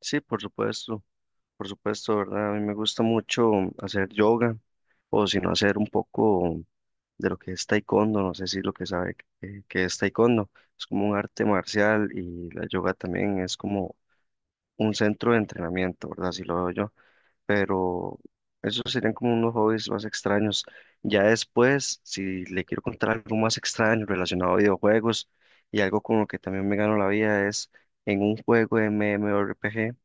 Sí, por supuesto, ¿verdad? A mí me gusta mucho hacer yoga o si no hacer un poco de lo que es taekwondo, no sé si lo que sabe que es taekwondo, es como un arte marcial y la yoga también es como un centro de entrenamiento, ¿verdad? Así lo veo yo, pero esos serían como unos hobbies más extraños. Ya después, si le quiero contar algo más extraño relacionado a videojuegos y algo con lo que también me gano la vida es en un juego de MMORPG.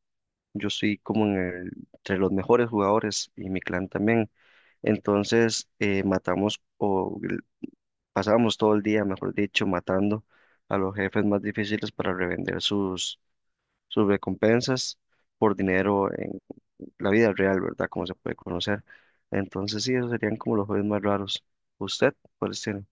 Yo soy como entre los mejores jugadores y mi clan también. Entonces matamos pasábamos todo el día, mejor dicho, matando a los jefes más difíciles para revender sus, recompensas por dinero en la vida real, ¿verdad? Como se puede conocer. Entonces sí, esos serían como los juegos más raros. ¿Usted cuál tiene?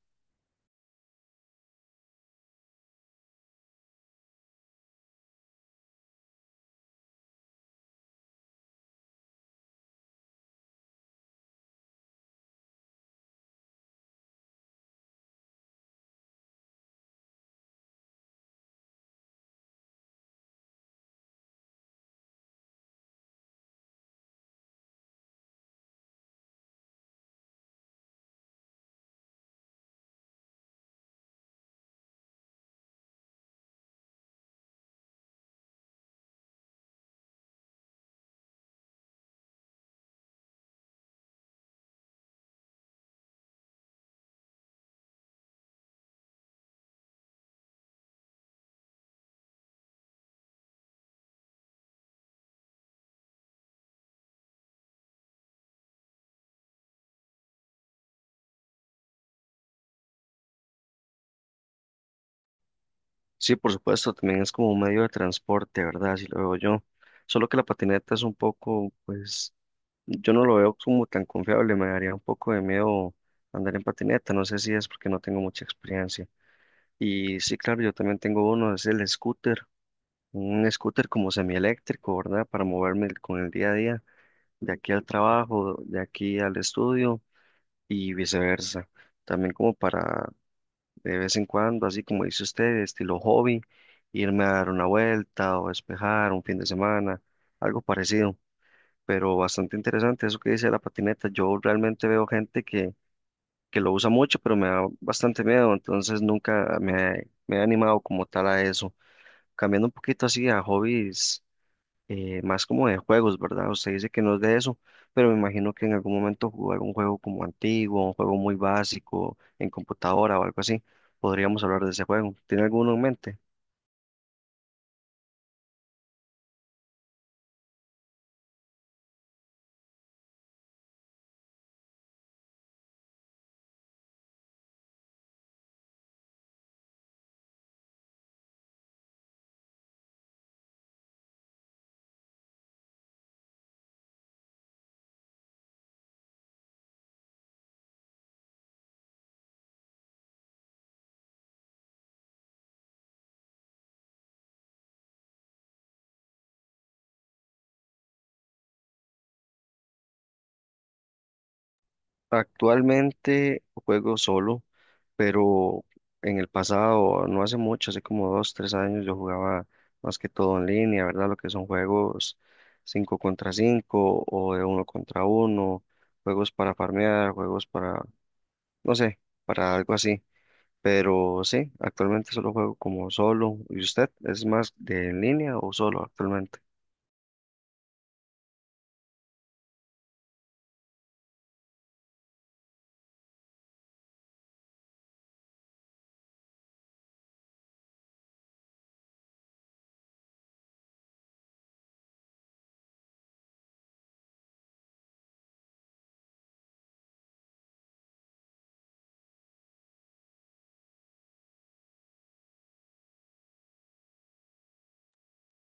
Sí, por supuesto, también es como un medio de transporte, ¿verdad? Así lo veo yo. Solo que la patineta es un poco, pues yo no lo veo como tan confiable, me daría un poco de miedo andar en patineta, no sé si es porque no tengo mucha experiencia. Y sí, claro, yo también tengo uno, es el scooter, un scooter como semieléctrico, ¿verdad? Para moverme con el día a día, de aquí al trabajo, de aquí al estudio y viceversa. También como para de vez en cuando, así como dice usted, estilo hobby, irme a dar una vuelta o despejar un fin de semana, algo parecido, pero bastante interesante eso que dice de la patineta. Yo realmente veo gente que lo usa mucho, pero me da bastante miedo, entonces nunca me he animado como tal a eso. Cambiando un poquito así a hobbies, más como de juegos, ¿verdad? Usted dice que no es de eso, pero me imagino que en algún momento jugó algún juego como antiguo, un juego muy básico en computadora o algo así. Podríamos hablar de ese juego. ¿Tiene alguno en mente? Actualmente juego solo, pero en el pasado, no hace mucho, hace como dos, tres años, yo jugaba más que todo en línea, ¿verdad? Lo que son juegos 5 contra 5 o de uno contra uno, juegos para farmear, juegos para, no sé, para algo así. Pero sí, actualmente solo juego como solo. ¿Y usted es más de en línea o solo actualmente?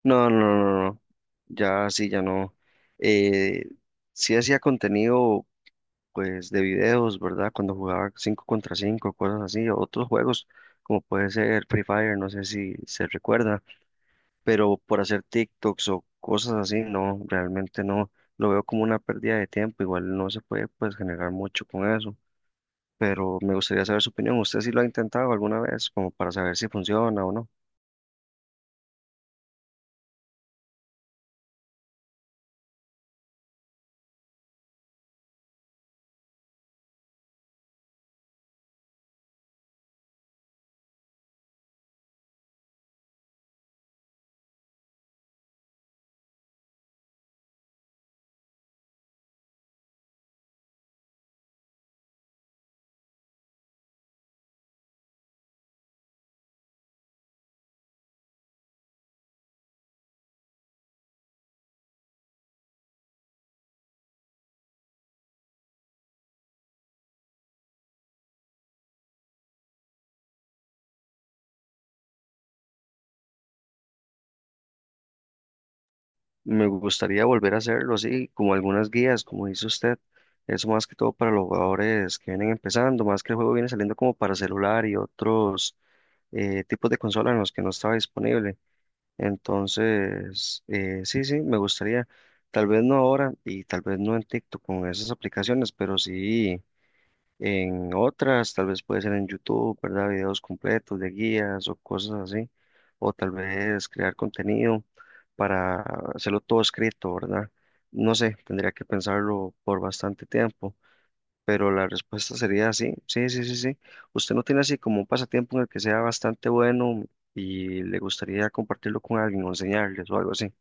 No, no, no, no, no. Ya sí, ya no. Eh, sí hacía contenido pues de videos, ¿verdad? Cuando jugaba 5 contra 5, cosas así, o otros juegos como puede ser Free Fire, no sé si se recuerda, pero por hacer TikToks o cosas así, no, realmente no, lo veo como una pérdida de tiempo, igual no se puede pues generar mucho con eso, pero me gustaría saber su opinión. ¿Usted sí lo ha intentado alguna vez como para saber si funciona o no? Me gustaría volver a hacerlo así, como algunas guías, como dice usted. Eso más que todo para los jugadores que vienen empezando, más que el juego viene saliendo como para celular y otros tipos de consola en los que no estaba disponible. Entonces, sí, sí, me gustaría, tal vez no ahora y tal vez no en TikTok con esas aplicaciones, pero sí en otras, tal vez puede ser en YouTube, ¿verdad? Videos completos de guías o cosas así, o tal vez crear contenido para hacerlo todo escrito, ¿verdad? No sé, tendría que pensarlo por bastante tiempo. Pero la respuesta sería sí, sí, sí, sí, sí. ¿Usted no tiene así como un pasatiempo en el que sea bastante bueno y le gustaría compartirlo con alguien o enseñarles o algo así?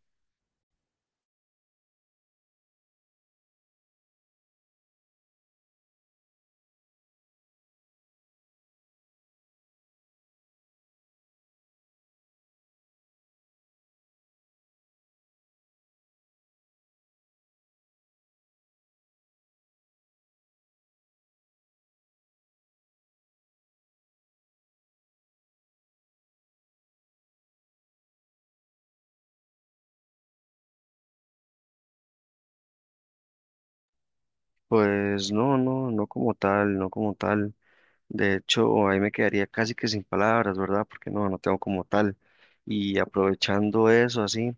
Pues no, no, no como tal, no como tal. De hecho, ahí me quedaría casi que sin palabras, ¿verdad? Porque no, no tengo como tal. Y aprovechando eso, así,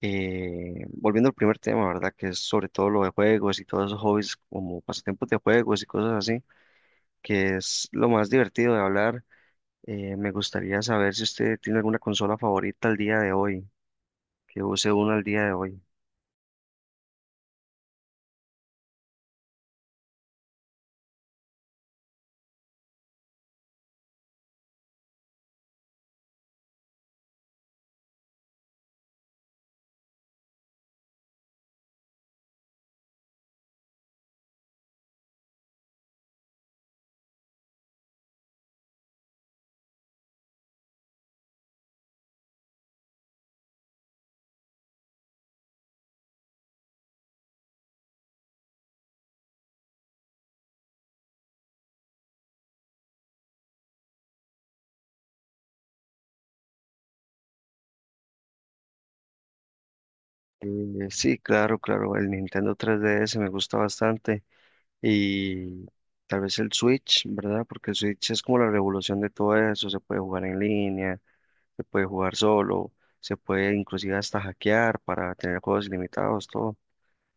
volviendo al primer tema, ¿verdad? Que es sobre todo lo de juegos y todos esos hobbies como pasatiempos de juegos y cosas así, que es lo más divertido de hablar. Me gustaría saber si usted tiene alguna consola favorita al día de hoy, que use una al día de hoy. Sí, claro, claro, el Nintendo 3DS me gusta bastante y tal vez el Switch, ¿verdad? Porque el Switch es como la revolución de todo eso, se puede jugar en línea, se puede jugar solo, se puede inclusive hasta hackear para tener juegos ilimitados, todo.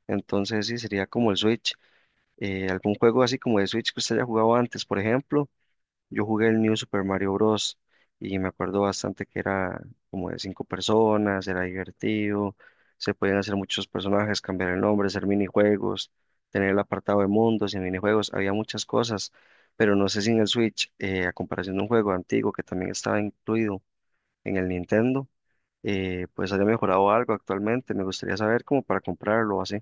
Entonces sí, sería como el Switch. Algún juego así como de Switch que usted haya jugado antes, por ejemplo. Yo jugué el New Super Mario Bros. Y me acuerdo bastante que era como de cinco personas, era divertido, se podían hacer muchos personajes, cambiar el nombre, hacer minijuegos, tener el apartado de mundos y minijuegos, había muchas cosas, pero no sé si en el Switch, a comparación de un juego antiguo que también estaba incluido en el Nintendo, pues haya mejorado algo actualmente, me gustaría saber como para comprarlo o así.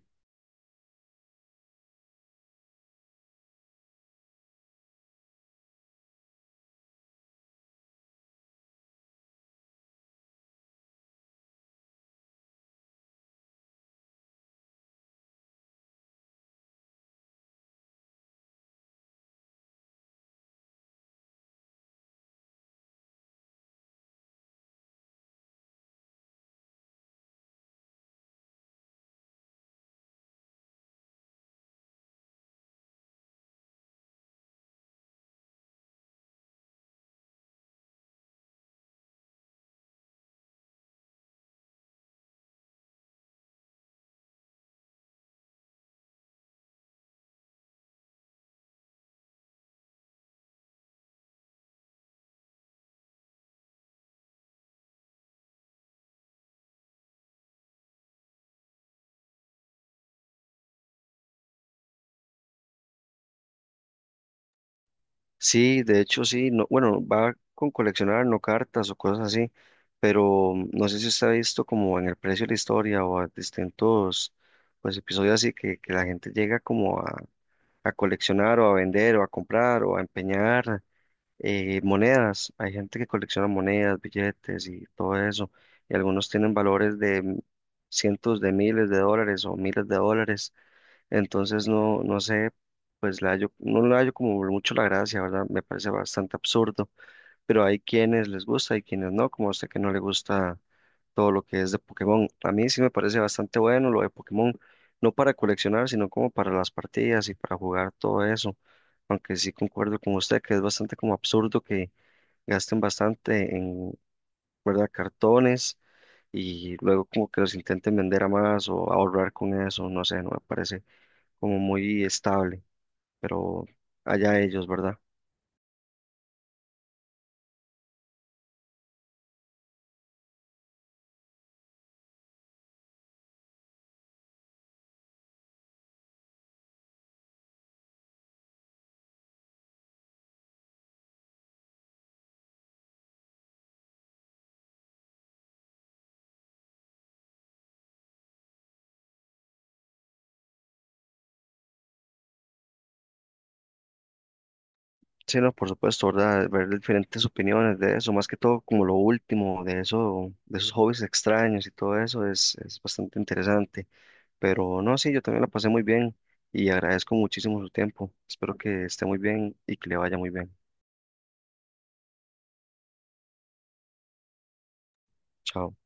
Sí, de hecho sí, no, bueno, va con coleccionar, no cartas o cosas así, pero no sé si usted ha visto como en el precio de la historia o a distintos pues episodios así que la gente llega como a coleccionar o a vender o a comprar o a empeñar monedas. Hay gente que colecciona monedas, billetes y todo eso, y algunos tienen valores de cientos de miles de dólares o miles de dólares. Entonces no, no sé, pues no le hallo como mucho la gracia, ¿verdad? Me parece bastante absurdo, pero hay quienes les gusta y quienes no, como a usted que no le gusta todo lo que es de Pokémon. A mí sí me parece bastante bueno lo de Pokémon, no para coleccionar, sino como para las partidas y para jugar todo eso. Aunque sí concuerdo con usted que es bastante como absurdo que gasten bastante en, ¿verdad? Cartones y luego como que los intenten vender a más o ahorrar con eso, no sé, no me parece como muy estable, pero allá ellos, ¿verdad? Sí, no, por supuesto, ¿verdad? Ver diferentes opiniones de eso, más que todo como lo último, de eso, de esos hobbies extraños y todo eso es bastante interesante. Pero no, sí, yo también la pasé muy bien y agradezco muchísimo su tiempo. Espero que esté muy bien y que le vaya muy bien. Chao.